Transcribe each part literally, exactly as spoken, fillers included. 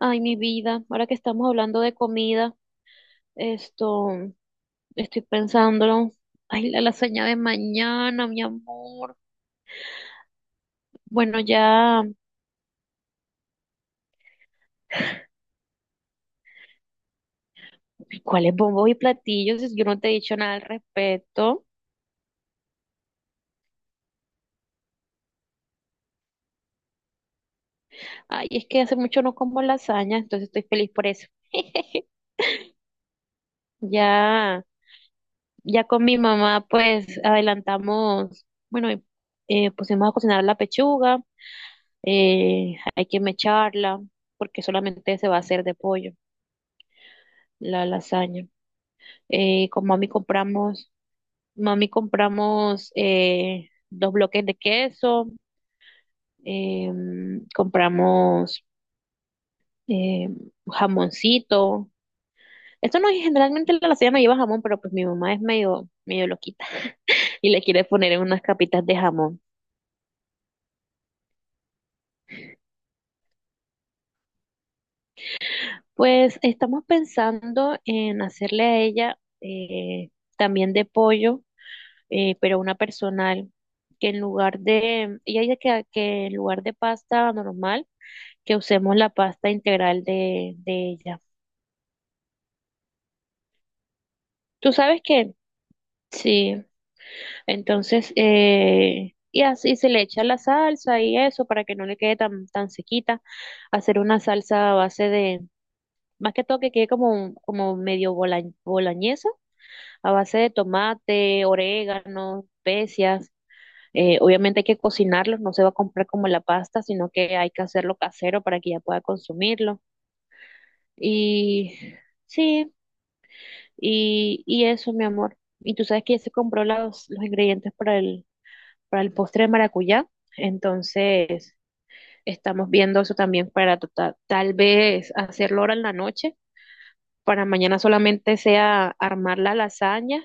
Ay, mi vida, ahora que estamos hablando de comida, esto, estoy pensándolo. Ay, la lasaña de mañana, mi amor. Bueno, ya, ¿cuáles bombos y platillos? Yo no te he dicho nada al respecto. Ay, es que hace mucho no como lasaña, entonces estoy feliz por eso. Ya, ya con mi mamá, pues adelantamos, bueno, eh, pusimos a cocinar la pechuga. eh, hay que mecharla porque solamente se va a hacer de pollo, la lasaña. Eh, con mami compramos, mami compramos eh, dos bloques de queso, em, compramos em, jamoncito. Esto no, generalmente la lasaña no lleva jamón, pero pues mi mamá es medio, medio loquita y le quiere poner unas capitas de jamón. Pues estamos pensando en hacerle a ella eh, también de pollo eh, pero una personal, que en lugar de, ella dice que, que en lugar de pasta normal, que usemos la pasta integral de, de ella. ¿Tú sabes qué? Sí, entonces, eh, y así se le echa la salsa y eso para que no le quede tan, tan sequita, hacer una salsa a base de, más que todo que quede como, como medio bola, boloñesa, a base de tomate, orégano, especias. Eh, obviamente hay que cocinarlos, no se va a comprar como la pasta, sino que hay que hacerlo casero para que ya pueda consumirlo. Y sí, y, y eso, mi amor. Y tú sabes que ya se compró los, los ingredientes para el, para el postre de maracuyá, entonces estamos viendo eso también para tota- tal vez hacerlo ahora en la noche, para mañana solamente sea armar la lasaña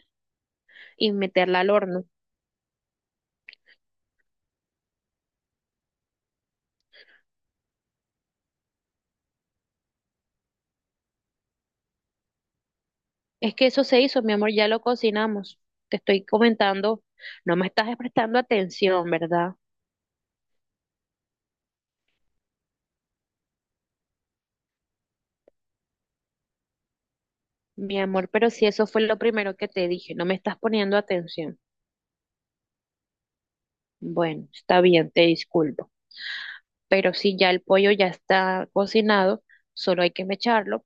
y meterla al horno. Es que eso se hizo, mi amor, ya lo cocinamos. Te estoy comentando, no me estás prestando atención, ¿verdad? Mi amor, pero si eso fue lo primero que te dije, no me estás poniendo atención. Bueno, está bien, te disculpo. Pero si ya el pollo ya está cocinado, solo hay que mecharlo,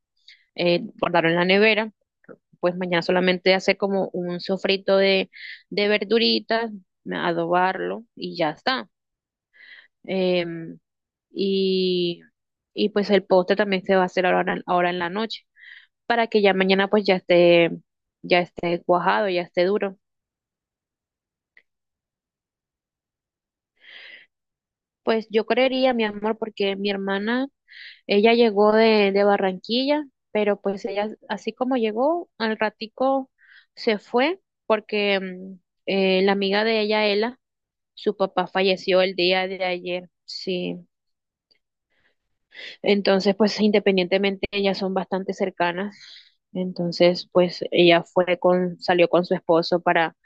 eh, guardarlo en la nevera, pues mañana solamente hacer como un sofrito de, de verduritas, adobarlo y ya está. Em, y, y pues el postre también se va a hacer ahora, en- ahora en la noche, para que ya mañana pues ya esté, ya esté cuajado, ya esté duro. Pues yo creería, mi amor, porque mi hermana, ella llegó de, de Barranquilla, pero pues ella, así como llegó, al ratico se fue, porque mm, eh, la amiga de ella, Ela, su papá falleció el día de ayer, sí. Entonces, pues independientemente, ellas son bastante cercanas. Entonces, pues ella fue con, salió con su esposo para,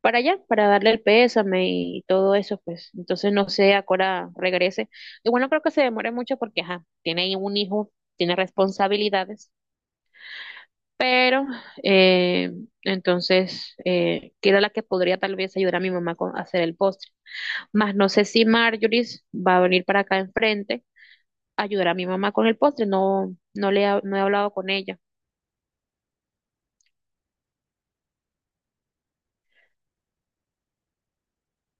para allá, para darle el pésame y todo eso, pues. Entonces, no sé, ahora regrese. Y bueno, creo que se demore mucho porque, ajá, tiene un hijo, tiene responsabilidades, pero, eh, entonces, eh, que era la que podría tal vez ayudar a mi mamá con, a hacer el postre. Más no sé si Marjorie va a venir para acá enfrente a ayudar a mi mamá con el postre, no, no le ha- no he hablado con ella.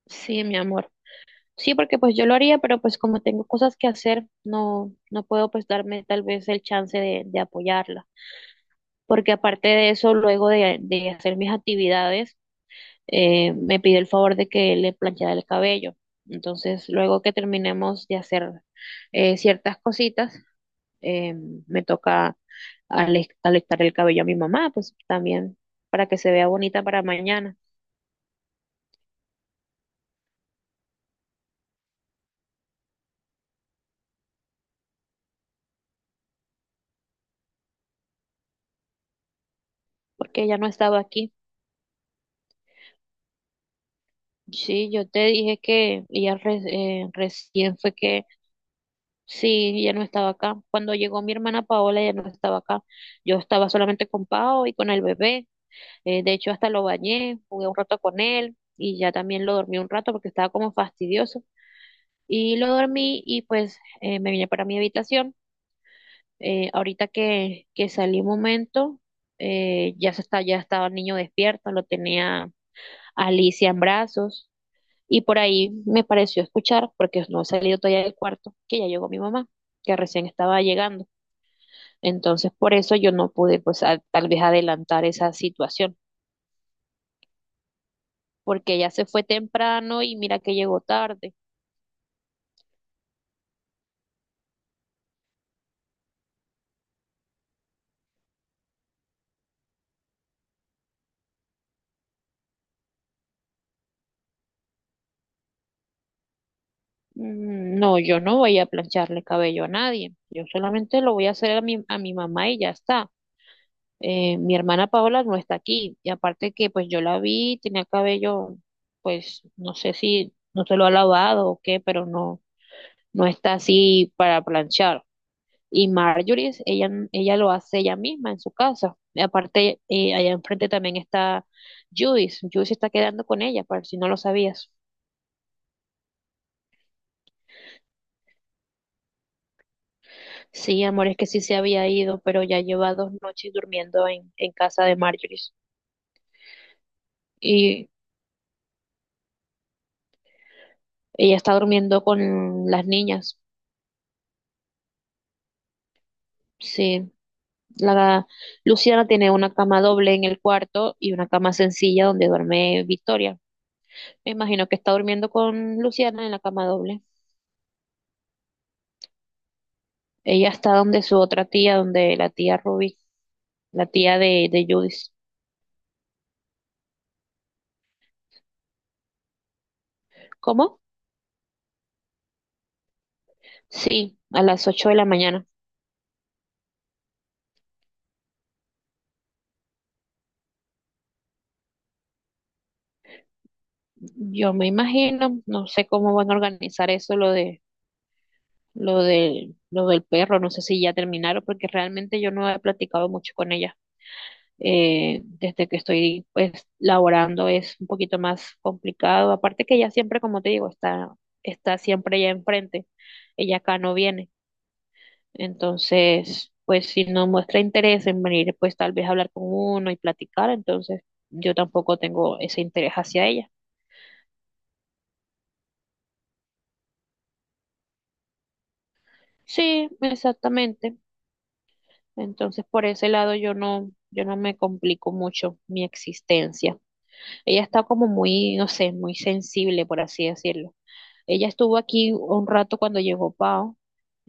Sí, mi amor. Sí, porque pues yo lo haría, pero pues como tengo cosas que hacer, no, no puedo pues darme tal vez el chance de, de apoyarla. Porque aparte de eso, luego de, de hacer mis actividades, eh, me pidió el favor de que le planchara el cabello. Entonces, luego que terminemos de hacer eh, ciertas cositas, eh, me toca ale- alistar el cabello a mi mamá, pues también para que se vea bonita para mañana, porque ella no estaba aquí. Sí, yo te dije que ella re- eh, recién fue que sí, ya no estaba acá. Cuando llegó mi hermana Paola, ya no estaba acá. Yo estaba solamente con Pao y con el bebé. Eh, de hecho, hasta lo bañé, jugué un rato con él y ya también lo dormí un rato porque estaba como fastidioso. Y lo dormí y pues eh, me vine para mi habitación. Eh, ahorita que, que salí un momento, eh, ya se está, ya estaba el niño despierto, lo tenía Alicia en brazos. Y por ahí me pareció escuchar, porque no he salido todavía del cuarto, que ya llegó mi mamá, que recién estaba llegando. Entonces, por eso yo no pude, pues, a- tal vez adelantar esa situación, porque ella se fue temprano y mira que llegó tarde. Mm, no, yo no voy a plancharle cabello a nadie. Yo solamente lo voy a hacer a mi, a mi mamá y ya está. Eh, mi hermana Paola no está aquí. Y aparte que, pues, yo la vi, tenía cabello, pues, no sé si no se lo ha lavado o qué, pero no, no está así para planchar. Y Marjorie, ella, ella lo hace ella misma en su casa. Y aparte, eh, allá enfrente también está Judith. Judith se está quedando con ella, ¿por si no lo sabías? Sí, amor, es que sí se había ido, pero ya lleva dos noches durmiendo en, en casa de Marjorie. Y ella está durmiendo con las niñas. Sí, la Luciana tiene una cama doble en el cuarto y una cama sencilla donde duerme Victoria. Me imagino que está durmiendo con Luciana en la cama doble. Ella está donde su otra tía, donde la tía Ruby, la tía de, de Judith. ¿Cómo? Sí, a las ocho de la mañana. Yo me imagino, no sé cómo van a organizar eso, lo de, lo de lo del perro, no sé si ya terminaron, porque realmente yo no he platicado mucho con ella. Eh, desde que estoy pues laborando es un poquito más complicado. Aparte que ella siempre, como te digo, está, está siempre allá enfrente. Ella acá no viene. Entonces, pues si no muestra interés en venir, pues tal vez hablar con uno y platicar, entonces yo tampoco tengo ese interés hacia ella. Sí, exactamente. Entonces, por ese lado yo no, yo no me complico mucho mi existencia. Ella está como muy, no sé, muy sensible, por así decirlo. Ella estuvo aquí un rato cuando llegó Pau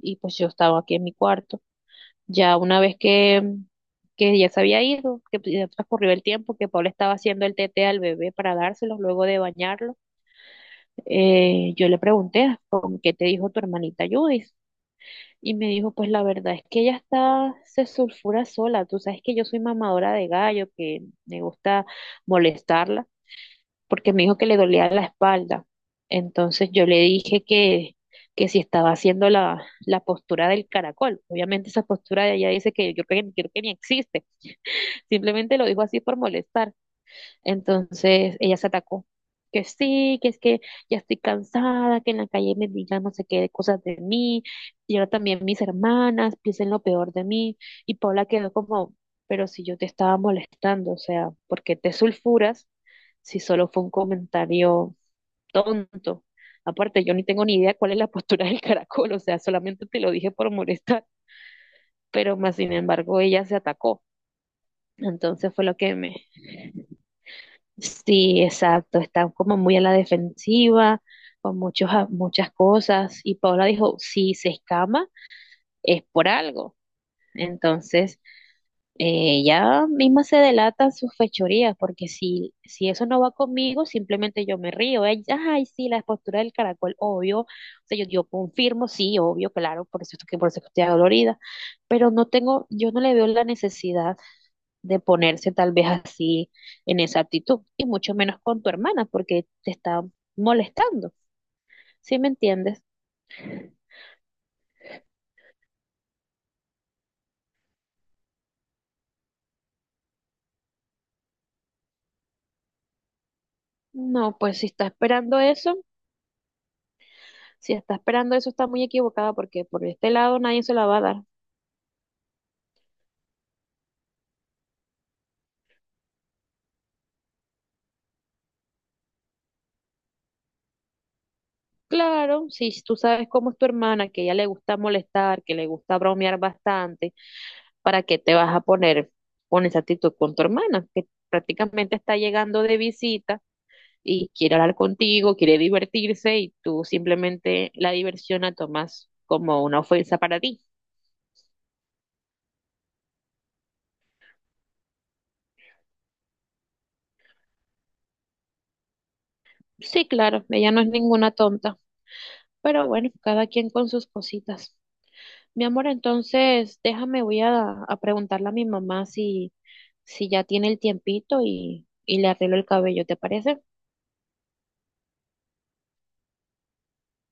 y pues yo estaba aquí en mi cuarto. Ya una vez que, que ya se había ido, que pues, ya transcurrió el tiempo, que Paula estaba haciendo el tete al bebé para dárselos luego de bañarlo, eh, yo le pregunté, ¿con qué te dijo tu hermanita Judith? Y me dijo, pues la verdad es que ella está, se sulfura sola. Tú sabes que yo soy mamadora de gallo, que me gusta molestarla porque me dijo que le dolía la espalda. Entonces yo le dije que, que si estaba haciendo la, la postura del caracol. Obviamente esa postura de ella dice que yo creo que, creo que ni existe. Simplemente lo dijo así por molestar. Entonces ella se atacó. Que sí, que es que ya estoy cansada, que en la calle me digan no sé qué cosas de mí, y ahora también mis hermanas piensen lo peor de mí. Y Paula quedó como, pero si yo te estaba molestando, o sea, ¿por qué te sulfuras si solo fue un comentario tonto? Aparte, yo ni tengo ni idea cuál es la postura del caracol, o sea, solamente te lo dije por molestar, pero más sin embargo ella se atacó. Entonces fue lo que me, sí, exacto, están como muy a la defensiva, con muchos, a- muchas cosas. Y Paula dijo, si se escama, es por algo. Entonces, eh, ella misma se delata sus fechorías, porque si, si eso no va conmigo, simplemente yo me río. Ella, ay, sí, la postura del caracol, obvio. O sea, yo, yo confirmo, sí, obvio, claro, por eso es que por eso es que estoy dolorida. Pero no tengo, yo no le veo la necesidad de ponerse tal vez así en esa actitud, y mucho menos con tu hermana, porque te está molestando, ¿sí me entiendes? No, pues si está esperando eso, si está esperando eso está muy equivocada, porque por este lado nadie se la va a dar. Claro, si tú sabes cómo es tu hermana, que a ella le gusta molestar, que le gusta bromear bastante, ¿para qué te vas a poner con esa actitud con tu hermana, que prácticamente está llegando de visita? Y quiere hablar contigo, quiere divertirse y tú simplemente la diversión la tomas como una ofensa para ti. Sí, claro, ella no es ninguna tonta, pero bueno, cada quien con sus cositas. Mi amor, entonces déjame, voy a, a preguntarle a mi mamá si, si ya tiene el tiempito y, y le arreglo el cabello, ¿te parece?